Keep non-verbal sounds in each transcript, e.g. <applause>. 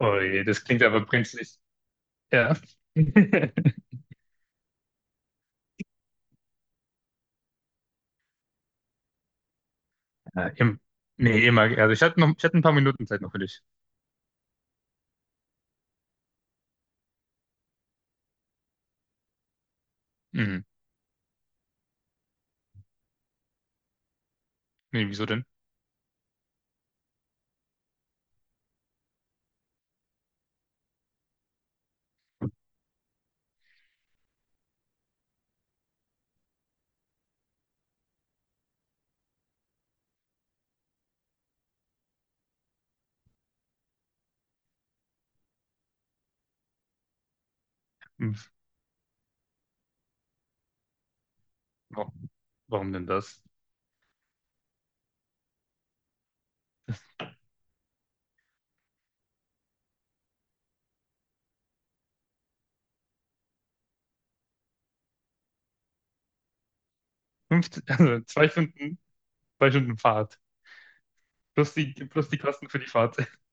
Oh je, das klingt aber brenzlig. Ja. <laughs> Ja, im, Nee, immer. Also ich hatte ein paar Minuten Zeit noch für dich. Mhm. Nee, wieso denn? Hm, wa- Warum denn das? <laughs> Also zwei Stunden Fahrt. Plus die Kosten für die Fahrt. <laughs>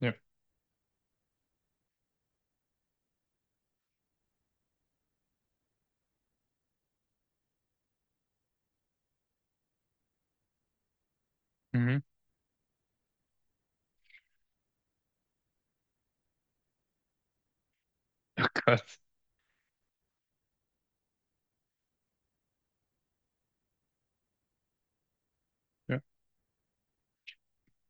Ja. Mhm. Oh Gott. Ja.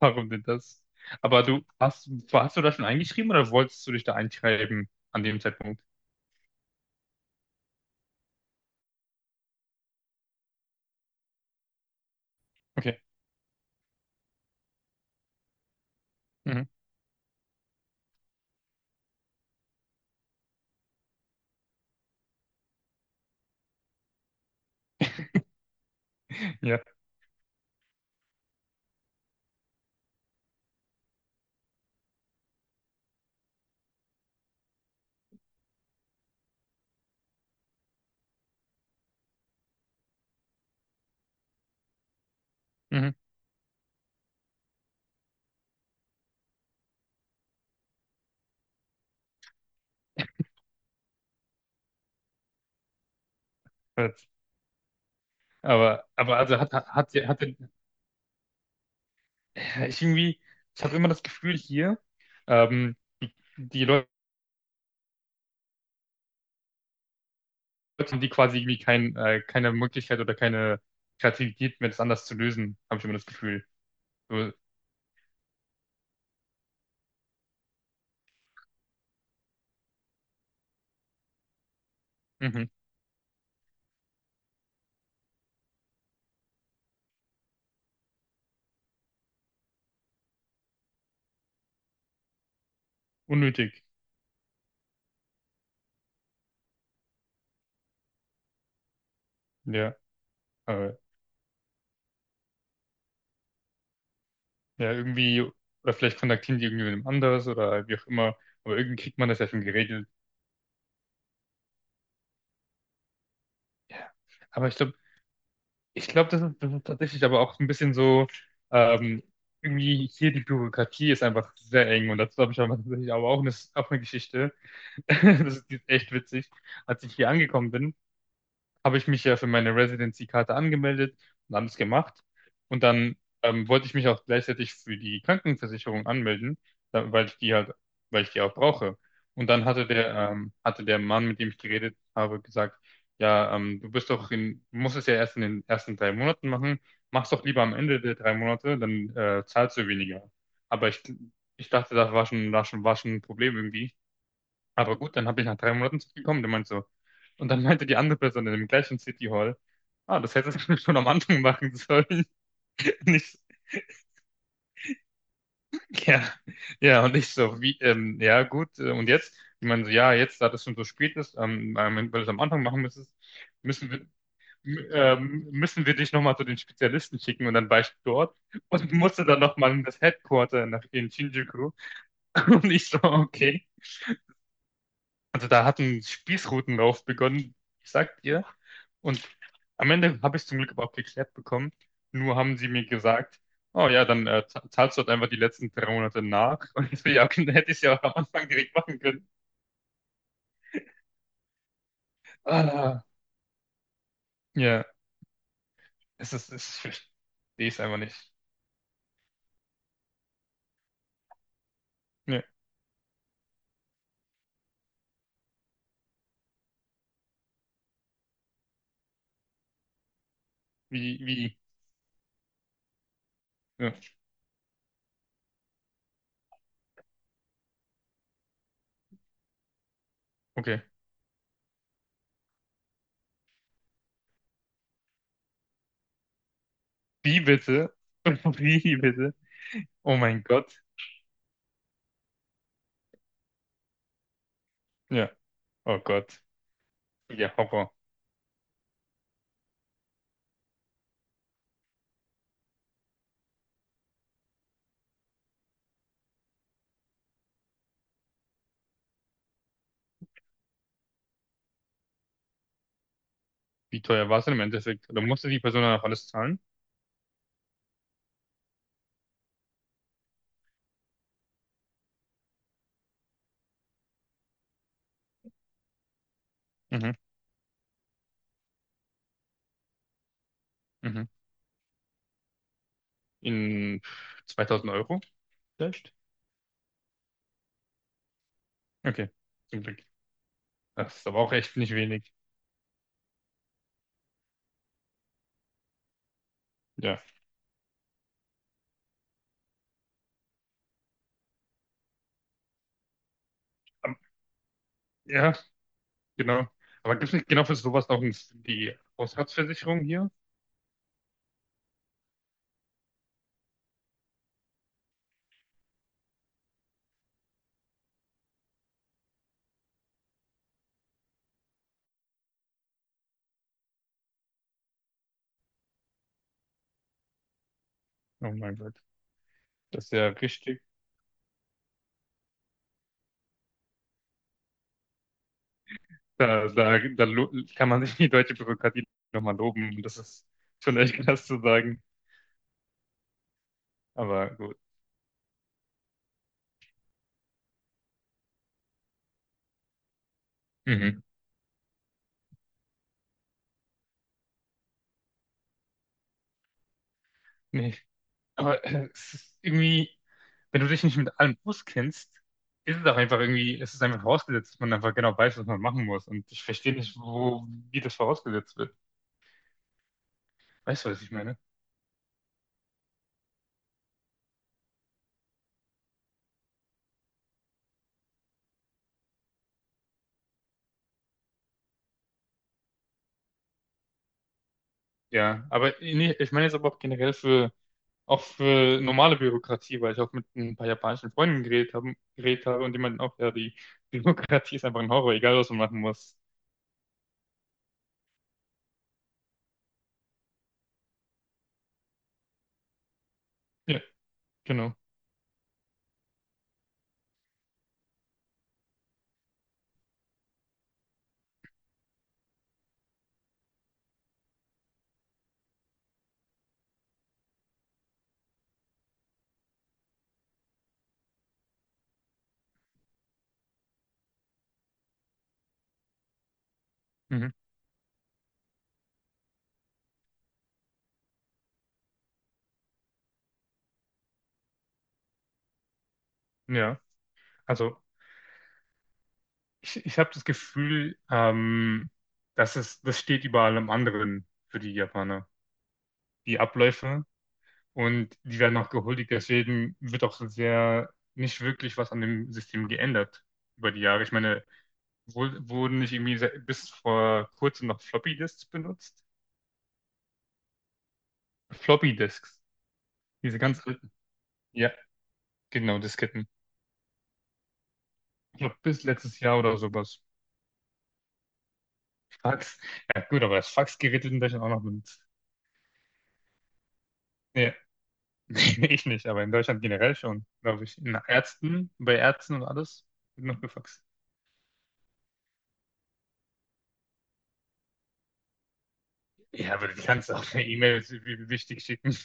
Warum denn das? Aber du, hast, Warst du da schon eingeschrieben oder wolltest du dich da einschreiben an dem Zeitpunkt? Okay. Mhm. Ja. Mhm. Jetzt. Aber Ja, ich irgendwie, ich habe immer das Gefühl hier, ähm, die Leute haben die quasi irgendwie keine Möglichkeit oder keine Kreativität mehr, das anders zu lösen, habe ich immer das Gefühl. So, mhm, unnötig. Ja, äh, ja, irgendwie, oder vielleicht kontaktieren die irgendwie mit einem anderes oder wie auch immer, aber irgendwie kriegt man das ja schon geregelt. Ja. Aber ich glaube, das ist tatsächlich aber auch ein bisschen so, ähm, irgendwie hier die Bürokratie ist einfach sehr eng, und dazu habe ich aber tatsächlich aber auch auch eine Geschichte. <laughs> Das ist echt witzig. Als ich hier angekommen bin, habe ich mich ja für meine Residency-Karte angemeldet und alles gemacht. Und dann wollte ich mich auch gleichzeitig für die Krankenversicherung anmelden, da, weil ich die auch brauche. Und dann hatte der Mann, mit dem ich geredet habe, gesagt: ja, du musst es ja erst in den ersten 3 Monaten machen. Mach's doch lieber am Ende der 3 Monate, dann zahlst du weniger. Aber ich dachte, das war schon ein Problem irgendwie. Aber gut, dann habe ich nach 3 Monaten zurückgekommen, der meinte so. Und dann meinte die andere Person in dem gleichen City Hall: ah, das hättest du <laughs> schon am Anfang machen sollen. <laughs> Nicht, ja, ja, und ich so: wie, ja, gut, und jetzt? Die meinen so: ja, jetzt, da das schon so spät ist, weil du es am Anfang machen müsstest, müssen wir, müssen wir dich nochmal zu den Spezialisten schicken, und dann war du dort und musste dann nochmal in das Headquarter nach in Shinjuku. <laughs> Und ich so: okay. Also da hat ein Spießrutenlauf begonnen, ich sag dir. Und am Ende habe ich es zum Glück aber auch geklärt bekommen. Nur haben sie mir gesagt: oh ja, dann zahlst du halt einfach die letzten 3 Monate nach. <laughs> Und ich so: ja, okay, dann hätte ich es ja auch am Anfang direkt machen können. Ah, ja, es ist, ich verstehe es einfach nicht. Ja, wie, ja, okay. Wie bitte? <laughs> Wie bitte? Oh mein Gott. Ja, oh Gott. Ja, Horror. Wie teuer war es denn im Endeffekt? Oder musste die Person dann auch alles zahlen? Mhm. Mhm. In 2000 Euro vielleicht? Okay, zum Glück. Das ist aber auch echt nicht wenig. Ja. Ähm, Ja, genau. Aber gibt es nicht genau für sowas noch die Hausratsversicherung hier? Oh mein Gott, das ist ja richtig. Da kann man sich die deutsche Bürokratie nochmal loben. Das ist schon echt krass zu sagen. Aber gut. Mhm. Nee. Aber es ist irgendwie. Wenn du dich nicht mit allem auskennst, ist es auch einfach irgendwie, es ist einfach vorausgesetzt, dass man einfach genau weiß, was man machen muss. Und ich verstehe nicht, wie das vorausgesetzt wird. Weißt du, was ich meine? Ja, aber nee, ich meine jetzt aber auch generell auch für normale Bürokratie, weil ich auch mit ein paar japanischen Freunden geredet habe und die meinten auch, ja, die Bürokratie ist einfach ein Horror, egal was man machen muss. Ja, genau. Mhm. Ja, also ich habe das Gefühl, das steht überall am anderen für die Japaner. Die Abläufe, und die werden auch gehuldigt. Deswegen wird auch sehr nicht wirklich was an dem System geändert über die Jahre. Ich meine, wo, wurden nicht irgendwie bis vor kurzem noch Floppy-Disks benutzt? Floppy-Disks. Diese ganz alten. Ja, genau, Disketten. Ich glaube, bis letztes Jahr oder sowas. Fax. Ja, gut, aber das Faxgerät wird in Deutschland auch noch benutzt. Ja, <laughs> ich nicht, aber in Deutschland generell schon, glaube ich. Bei Ärzten und alles wird noch gefaxt. Ja, aber du kannst auch eine E-Mail, wie wichtig, schicken.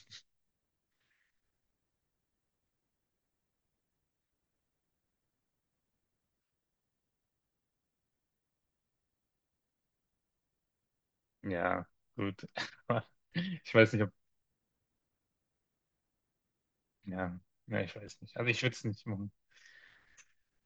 Ja, gut. <laughs> Ich weiß nicht, ob. Ja, ja, ich weiß nicht. Also ich würde es nicht machen.